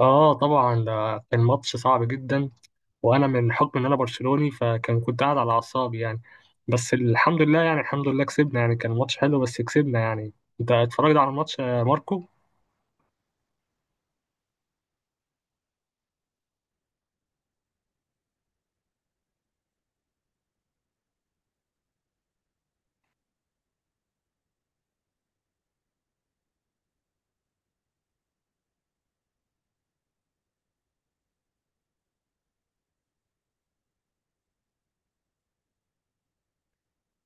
اه، طبعا ده كان ماتش صعب جدا. وانا من حكم ان انا برشلوني، كنت قاعد على اعصابي يعني. بس الحمد لله، يعني الحمد لله كسبنا يعني. كان ماتش حلو بس كسبنا يعني. انت اتفرجت على الماتش يا ماركو؟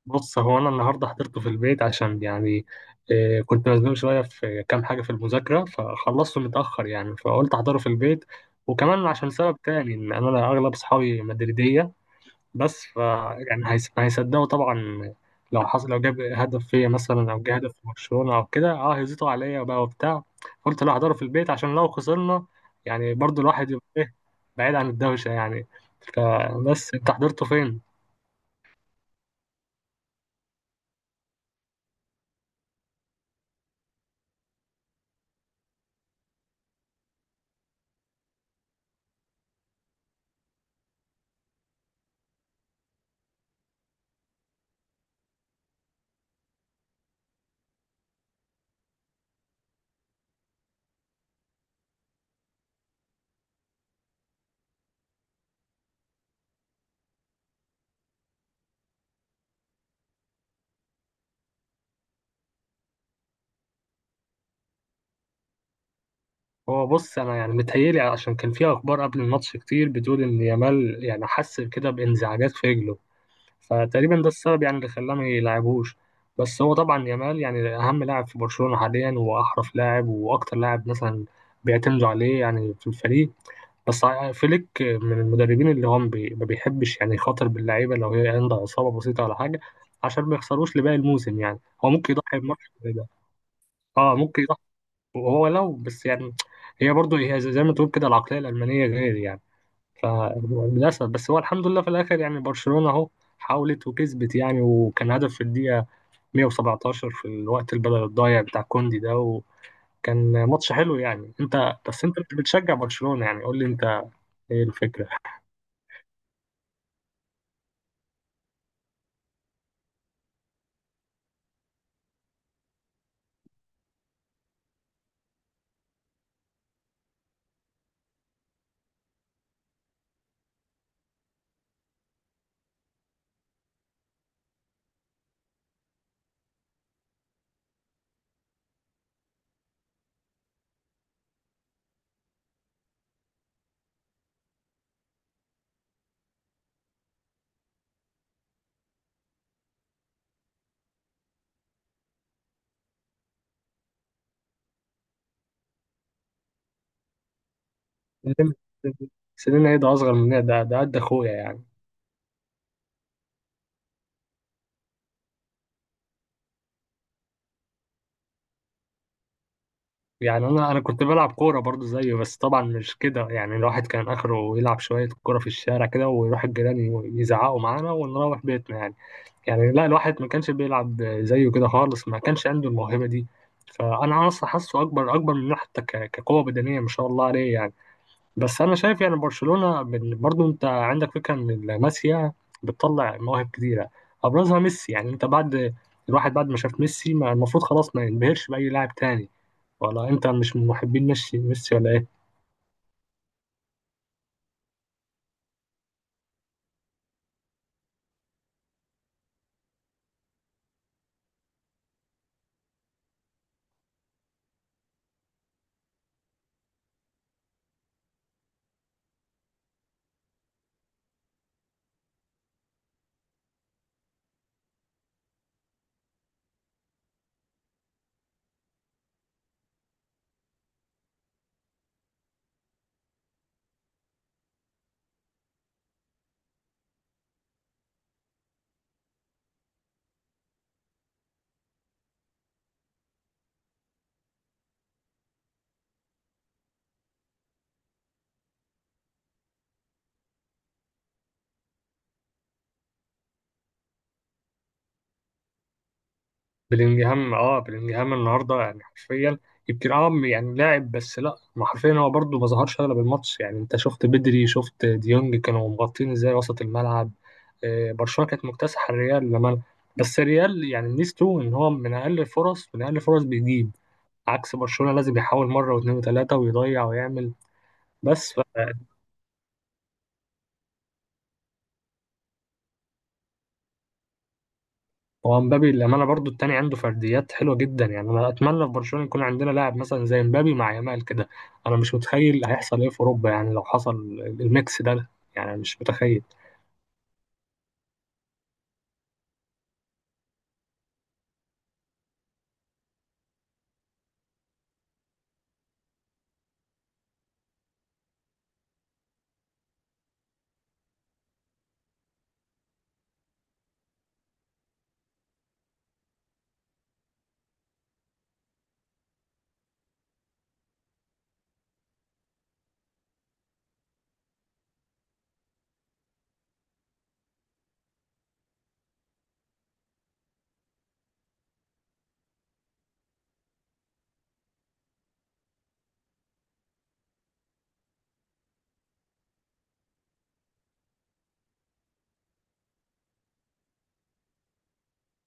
بص، هو انا النهارده حضرته في البيت عشان يعني كنت مزنوق شويه في كام حاجه في المذاكره، فخلصته متاخر يعني، فقلت احضره في البيت. وكمان عشان سبب تاني، ان انا اغلب اصحابي مدريديه. بس ف، يعني هيصدقوا طبعا. لو حصل، لو جاب هدف فيا مثلا، او جاب هدف في برشلونه او كده، هيزيطوا عليا بقى وبتاع. قلت لا، هحضره في البيت عشان لو خسرنا يعني، برضو الواحد يبقى ايه، بعيد عن الدوشه يعني. فبس انت حضرته فين؟ هو بص انا يعني متهيألي، عشان كان في اخبار قبل الماتش كتير بتقول ان يامال يعني حس كده بانزعاجات في رجله، فتقريبا ده السبب يعني اللي خلاه ما يلعبوش. بس هو طبعا يامال يعني اهم لاعب في برشلونة حاليا، واحرف لاعب، واكتر لاعب مثلا بيعتمدوا عليه يعني في الفريق. بس فليك من المدربين اللي هم ما بيحبش يعني يخاطر باللعيبه لو هي عندها اصابه بسيطه ولا حاجه، عشان ما يخسروش لباقي الموسم يعني. هو ممكن يضحي بماتش زي ده، اه ممكن يضحي. هو لو بس يعني، هي برضه هي زي ما تقول كده، العقليه الالمانيه غير يعني. فللأسف بس، هو الحمد لله في الآخر يعني برشلونة أهو حاولت وكسبت يعني، وكان هدف في الدقيقة 117 في الوقت البدل الضايع بتاع كوندي ده. وكان ماتش حلو يعني. أنت بس، أنت مش بتشجع برشلونة يعني، قول لي أنت إيه الفكرة؟ سنين ايه ده، اصغر مني، ده قد اخويا يعني. يعني انا كنت بلعب كوره برضو زيه، بس طبعا مش كده يعني. الواحد كان اخره يلعب شويه كوره في الشارع كده، ويروح الجيران يزعقوا معانا ونروح بيتنا يعني. يعني لا، الواحد ما كانش بيلعب زيه كده خالص، ما كانش عنده الموهبة دي. فأنا أصلا حاسه أكبر، أكبر منه حتى كقوة بدنية، ما شاء الله عليه يعني. بس أنا شايف يعني برشلونة برضو أنت عندك فكرة إن لاماسيا بتطلع مواهب كتيرة، أبرزها ميسي. يعني أنت بعد، الواحد بعد ما شاف ميسي، ما المفروض خلاص ما ينبهرش بأي لاعب تاني. ولا أنت مش من محبين ميسي ولا إيه؟ بلينجهام، بلينجهام النهارده يعني حرفيا، يمكن يعني لاعب، بس لا، ما حرفيا، هو برده ما ظهرش اغلب الماتش يعني. انت شفت بدري، شفت ديونج كانوا مغطين ازاي وسط الملعب. برشلونه كانت مكتسحه الريال لما، بس الريال يعني ميزته ان هو من اقل الفرص، من اقل الفرص بيجيب. عكس برشلونه، لازم يحاول مره واثنين وثلاثه ويضيع ويعمل. بس هو مبابي للأمانة برضو التاني عنده فرديات حلوة جدا يعني. أنا أتمنى في برشلونة يكون عندنا لاعب مثلا زي مبابي مع يامال كده. أنا مش متخيل هيحصل إيه في أوروبا يعني لو حصل الميكس ده، يعني مش متخيل.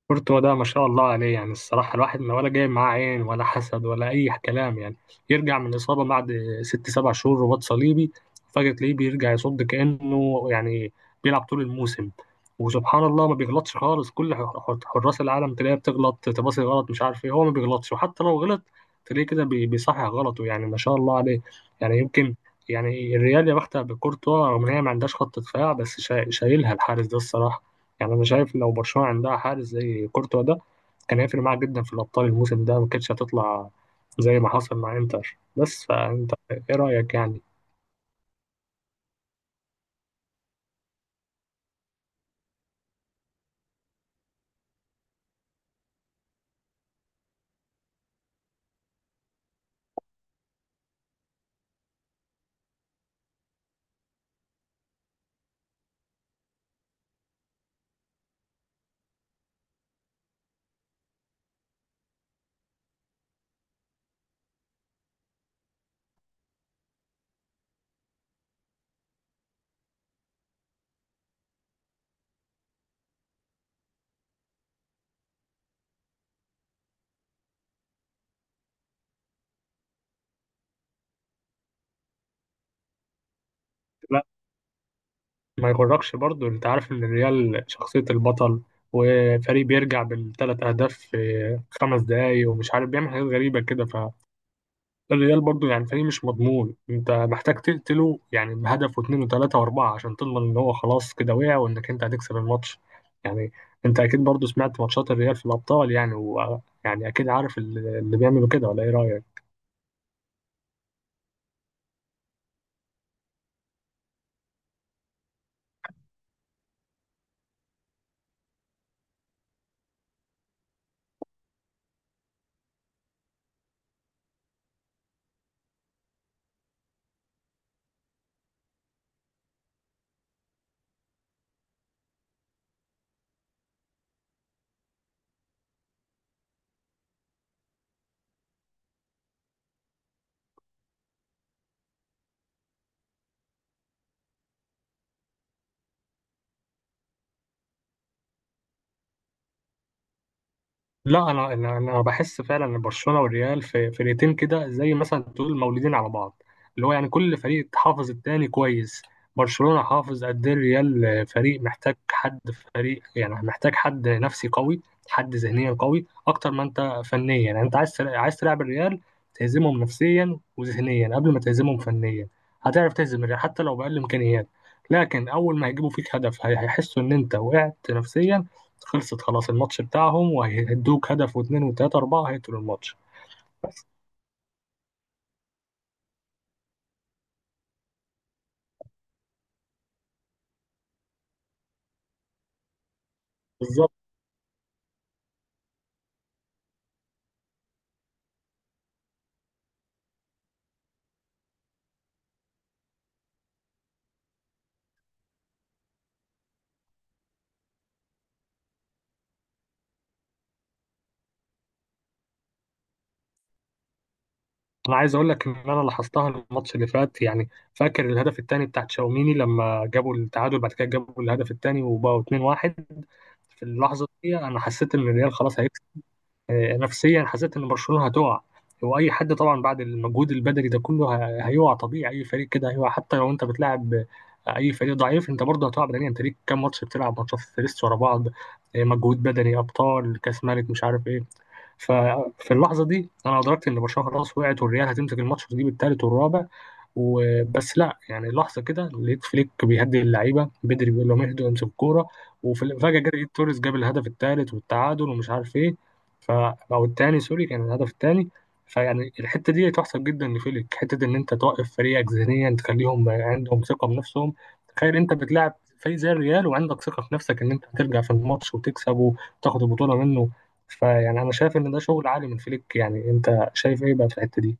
كورتوا ده ما شاء الله عليه يعني. الصراحة الواحد ما ولا جاي معاه عين ولا حسد ولا أي كلام يعني. يرجع من إصابة بعد 6 7 شهور، رباط صليبي، فجأة تلاقيه بيرجع يصد كأنه يعني بيلعب طول الموسم. وسبحان الله ما بيغلطش خالص. كل حراس العالم تلاقيه بتغلط، تباصي غلط، مش عارف إيه. هو ما بيغلطش، وحتى لو غلط تلاقيه كده بيصحح غلطه يعني. ما شاء الله عليه يعني. يمكن يعني الريال يا بختها بكورتوا، رغم إن هي ما عندهاش خط دفاع، بس شايلها الحارس ده الصراحة. يعني انا شايف لو برشلونه عندها حارس زي كورتوا ده، كان هيفرق معاها جدا في الابطال. الموسم ده ما كانتش هتطلع زي ما حصل مع انتر. بس فانت ايه رايك يعني؟ لا، ما يغركش برضو، انت عارف ان الريال شخصيه البطل، وفريق بيرجع بالثلاث اهداف في 5 دقايق ومش عارف بيعمل حاجات غريبه كده. الريال برضو يعني فريق مش مضمون، انت محتاج تقتله يعني بهدف واثنين وثلاثة واربعة، عشان تضمن ان هو خلاص كده وقع، وانك انت هتكسب الماتش يعني. انت اكيد برضو سمعت ماتشات الريال في الابطال يعني، ويعني اكيد عارف اللي بيعملوا كده، ولا ايه رأيك؟ لا، انا انا أنا بحس فعلا ان برشلونه والريال في فرقتين كده، زي مثلا تقول مولودين على بعض. اللي هو يعني كل فريق حافظ التاني كويس، برشلونه حافظ قد ايه. الريال فريق محتاج حد، فريق يعني محتاج حد نفسي قوي، حد ذهنيا قوي اكتر ما انت فنيا. يعني انت عايز عايز تلعب الريال، تهزمهم نفسيا وذهنيا قبل ما تهزمهم فنيا. هتعرف تهزم الريال حتى لو باقل امكانيات، لكن اول ما هيجيبوا فيك هدف هيحسوا ان انت وقعت نفسيا، خلصت خلاص الماتش بتاعهم، وهيدوك هدف واثنين وثلاثة أربعة، هيقتلوا الماتش. بس بالظبط، أنا عايز أقول لك إن أنا لاحظتها الماتش اللي فات. يعني فاكر الهدف الثاني بتاع تشاوميني، لما جابوا التعادل بعد كده جابوا الهدف الثاني وبقوا 2-1، في اللحظة دي أنا حسيت إن الريال خلاص، نفسيا حسيت ان برشلونه هتقع. واي حد طبعا بعد المجهود البدني ده كله هيقع، طبيعي اي فريق كده هيقع، حتى لو انت بتلعب اي فريق ضعيف، انت برضه هتقع بدنيا. انت ليك كام ماتش بتلعب ماتشات فيرست ورا بعض، مجهود بدني، ابطال، كاس ملك، مش عارف ايه. ففي اللحظه دي انا ادركت ان برشلونه خلاص وقعت، والريال هتمسك الماتش دي بالثالث والرابع وبس. لا، يعني لحظه كده لقيت فليك بيهدي اللعيبه بدري، بيقول لهم اهدوا امسكوا الكوره، وفجاه جت لقيت توريس جاب الهدف الثالث والتعادل ومش عارف ايه. ف، او الثاني سوري، كان الهدف الثاني. فيعني الحته دي تحسب جدا لفليك، حته ان انت توقف فريقك ذهنيا، تخليهم عندهم ثقه بنفسهم. تخيل انت بتلعب فريق زي الريال وعندك ثقه في نفسك ان انت هترجع في الماتش وتكسب وتاخد البطوله منه. فيعني انا شايف ان ده شغل عالي من فليك. يعني انت شايف ايه بقى في الحته دي؟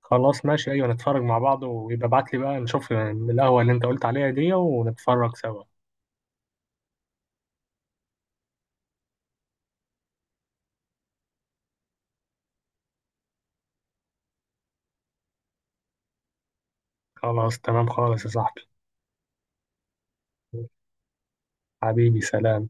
خلاص ماشي، ايوه نتفرج مع بعض، ويبقى ابعت لي بقى نشوف القهوه اللي انت قلت عليها دي ونتفرج سوا. خلاص تمام خالص يا صاحبي. حبيبي، سلام.